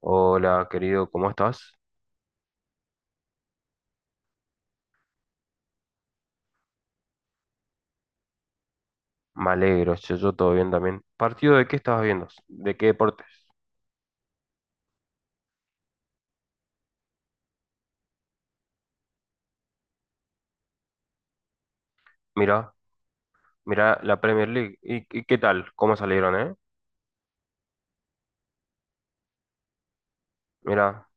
Hola, querido, ¿cómo estás? Me alegro, yo todo bien también. ¿Partido de qué estabas viendo? ¿De qué deportes? Mira, mira la Premier League. ¿Y qué tal? ¿Cómo salieron, Mira.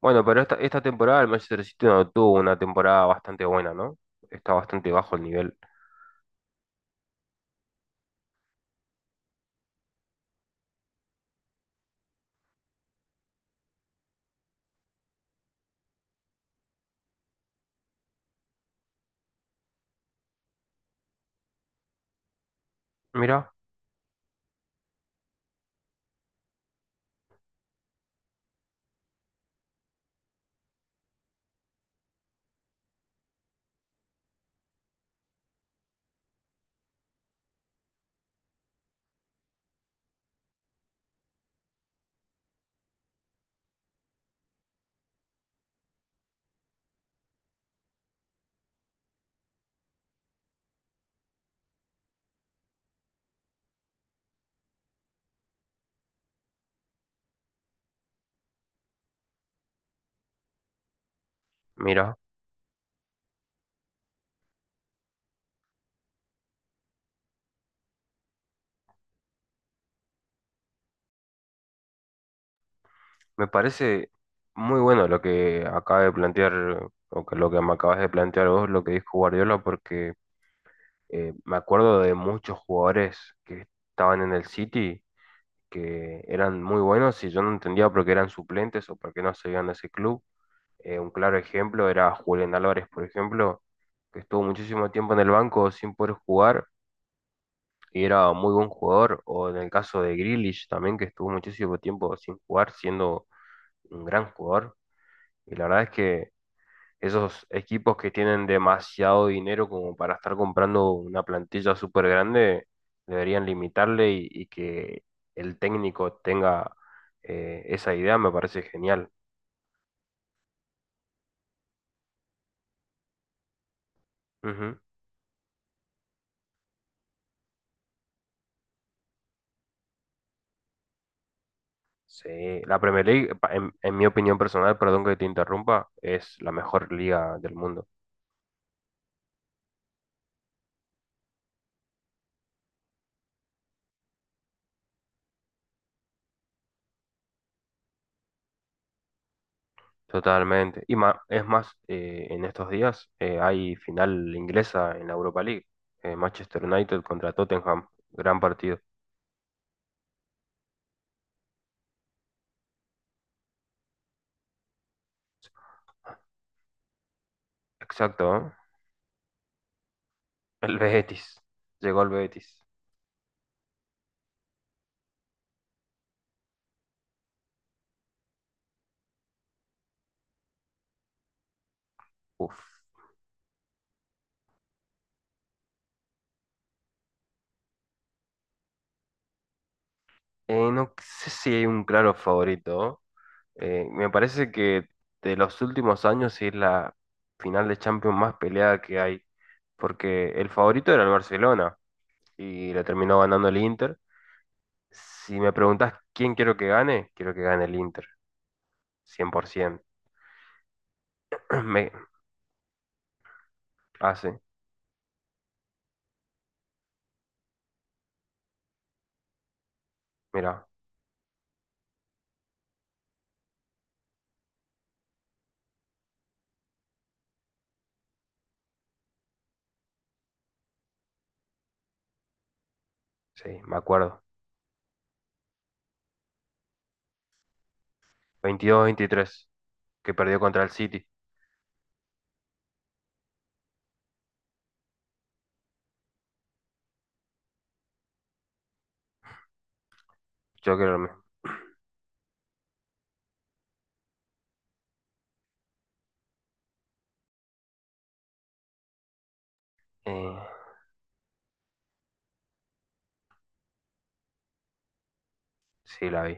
Bueno, pero esta temporada el Manchester City no tuvo una temporada bastante buena, ¿no? Está bastante bajo el nivel. Mira, mira. Me parece muy bueno lo que acaba de plantear, o que lo que me acabas de plantear vos, lo que dijo Guardiola, porque me acuerdo de muchos jugadores que estaban en el City que eran muy buenos y yo no entendía por qué eran suplentes o por qué no se iban de ese club. Un claro ejemplo era Julián Álvarez, por ejemplo, que estuvo muchísimo tiempo en el banco sin poder jugar y era muy buen jugador. O en el caso de Grealish también, que estuvo muchísimo tiempo sin jugar, siendo un gran jugador. Y la verdad es que esos equipos que tienen demasiado dinero como para estar comprando una plantilla súper grande, deberían limitarle y que el técnico tenga esa idea, me parece genial. Ujú. Sí, la Premier League, en mi opinión personal, perdón que te interrumpa, es la mejor liga del mundo, totalmente. Y es más, en estos días hay final inglesa en la Europa League, Manchester United contra Tottenham, gran partido. Exacto, ¿eh? El Betis. Llegó el Betis. Uf. No sé si hay un claro favorito. Me parece que de los últimos años es la final de Champions más peleada que hay. Porque el favorito era el Barcelona y le terminó ganando el Inter. Si me preguntás quién quiero que gane el Inter. 100%. Me hace. Mira, sí, me acuerdo. Veintidós veintitrés que perdió contra el City. Yo creo que... Eh, sí, la vi.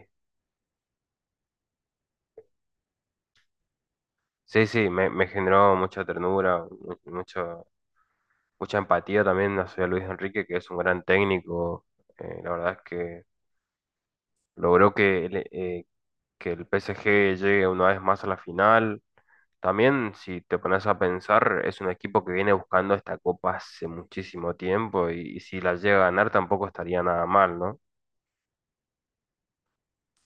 Sí, sí, me generó mucha ternura, mucho, mucha empatía también hacia Luis Enrique, que es un gran técnico. La verdad es que logró que, que el PSG llegue una vez más a la final. También, si te pones a pensar, es un equipo que viene buscando esta copa hace muchísimo tiempo y si la llega a ganar tampoco estaría nada mal, ¿no?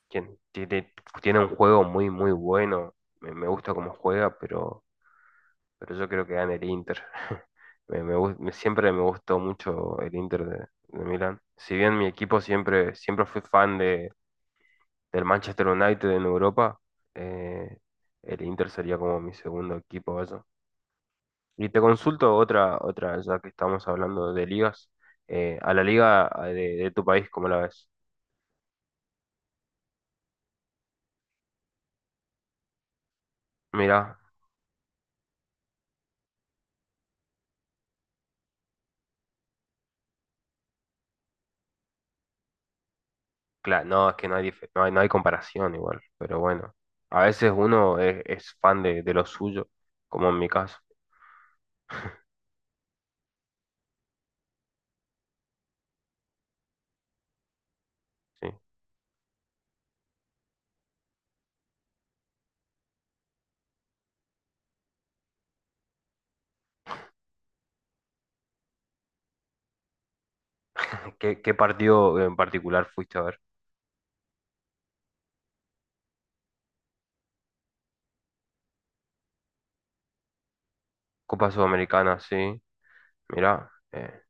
Tien- Tiene, tiene un juego muy, muy bueno. Me gusta cómo juega, pero yo creo que gana el Inter. Siempre me gustó mucho el Inter de Milán. Si bien mi equipo siempre fui fan de, del Manchester United en Europa, eh, el Inter sería como mi segundo equipo, vaya. Y te consulto otra, ya que estamos hablando de ligas, a la liga de tu país, ¿cómo la ves? Mira, claro, no, es que no hay, no hay, no hay comparación igual, pero bueno, a veces uno es fan de lo suyo, como en mi caso. Sí. ¿Qué, qué partido en particular fuiste a ver? Copa Sudamericana, sí. Mirá.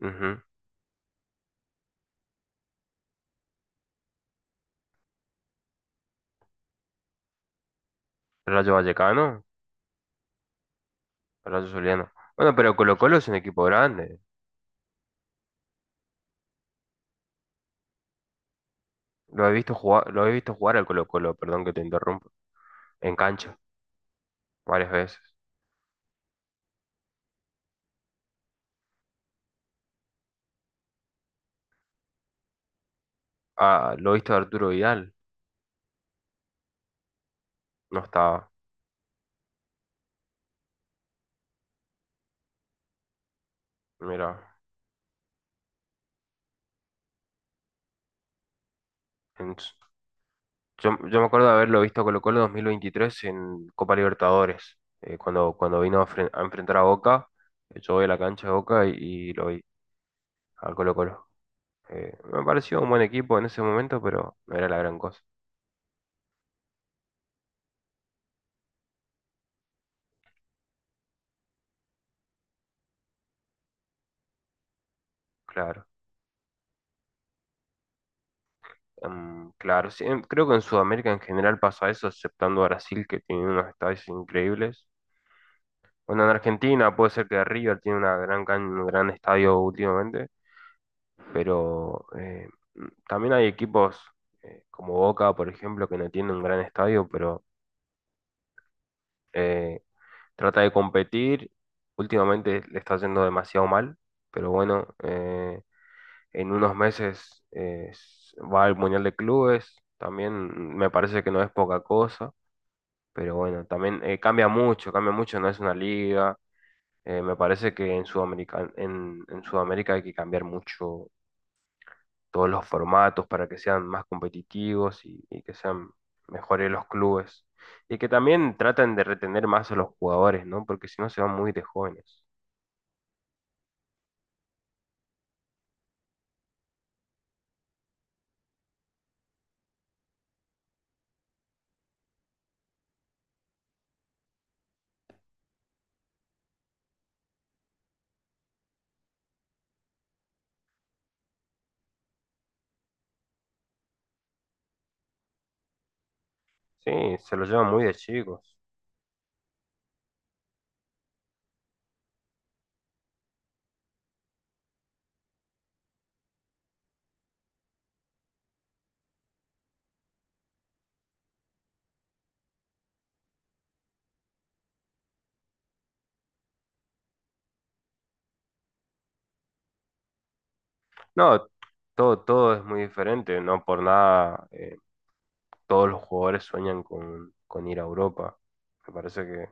Ujú. Rayo Vallecano, Rayo Zuliano. Bueno, pero Colo-Colo es un equipo grande. Lo he visto jugar, lo he visto jugar al Colo-Colo, perdón que te interrumpo. En cancha, varias veces. Ah, lo he visto a Arturo Vidal. No estaba. Mira. En yo me acuerdo de haberlo visto a Colo-Colo 2023 en Copa Libertadores. Cuando vino a, a enfrentar a Boca, yo voy a la cancha de Boca y lo vi a Colo-Colo. Me pareció un buen equipo en ese momento, pero no era la gran cosa. Claro. Claro. Sí, creo que en Sudamérica en general pasa eso, exceptando Brasil, que tiene unos estadios increíbles. Bueno, en Argentina puede ser que River tiene una gran un gran estadio últimamente, pero también hay equipos como Boca, por ejemplo, que no tiene un gran estadio, pero eh, trata de competir. Últimamente le está yendo demasiado mal, pero bueno. En unos meses va al Mundial de Clubes, también me parece que no es poca cosa, pero bueno, también cambia mucho, no es una liga, me parece que en Sudamérica, en Sudamérica hay que cambiar mucho todos los formatos para que sean más competitivos y que sean mejores los clubes. Y que también traten de retener más a los jugadores, ¿no? Porque si no se van muy de jóvenes. Sí, se los llevan muy de chicos. No, todo, todo es muy diferente, no por nada todos los jugadores sueñan con ir a Europa. Me parece que,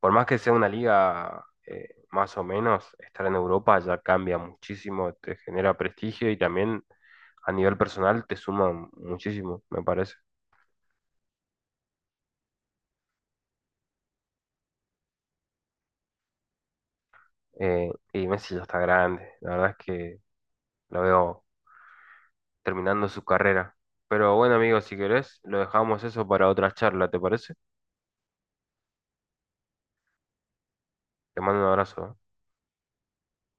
por más que sea una liga más o menos, estar en Europa ya cambia muchísimo, te genera prestigio y también a nivel personal te suma muchísimo, me parece. Y Messi ya está grande, la verdad es que lo veo terminando su carrera. Pero bueno, amigo, si querés, lo dejamos eso para otra charla, ¿te parece? Te mando un abrazo. ¿Eh?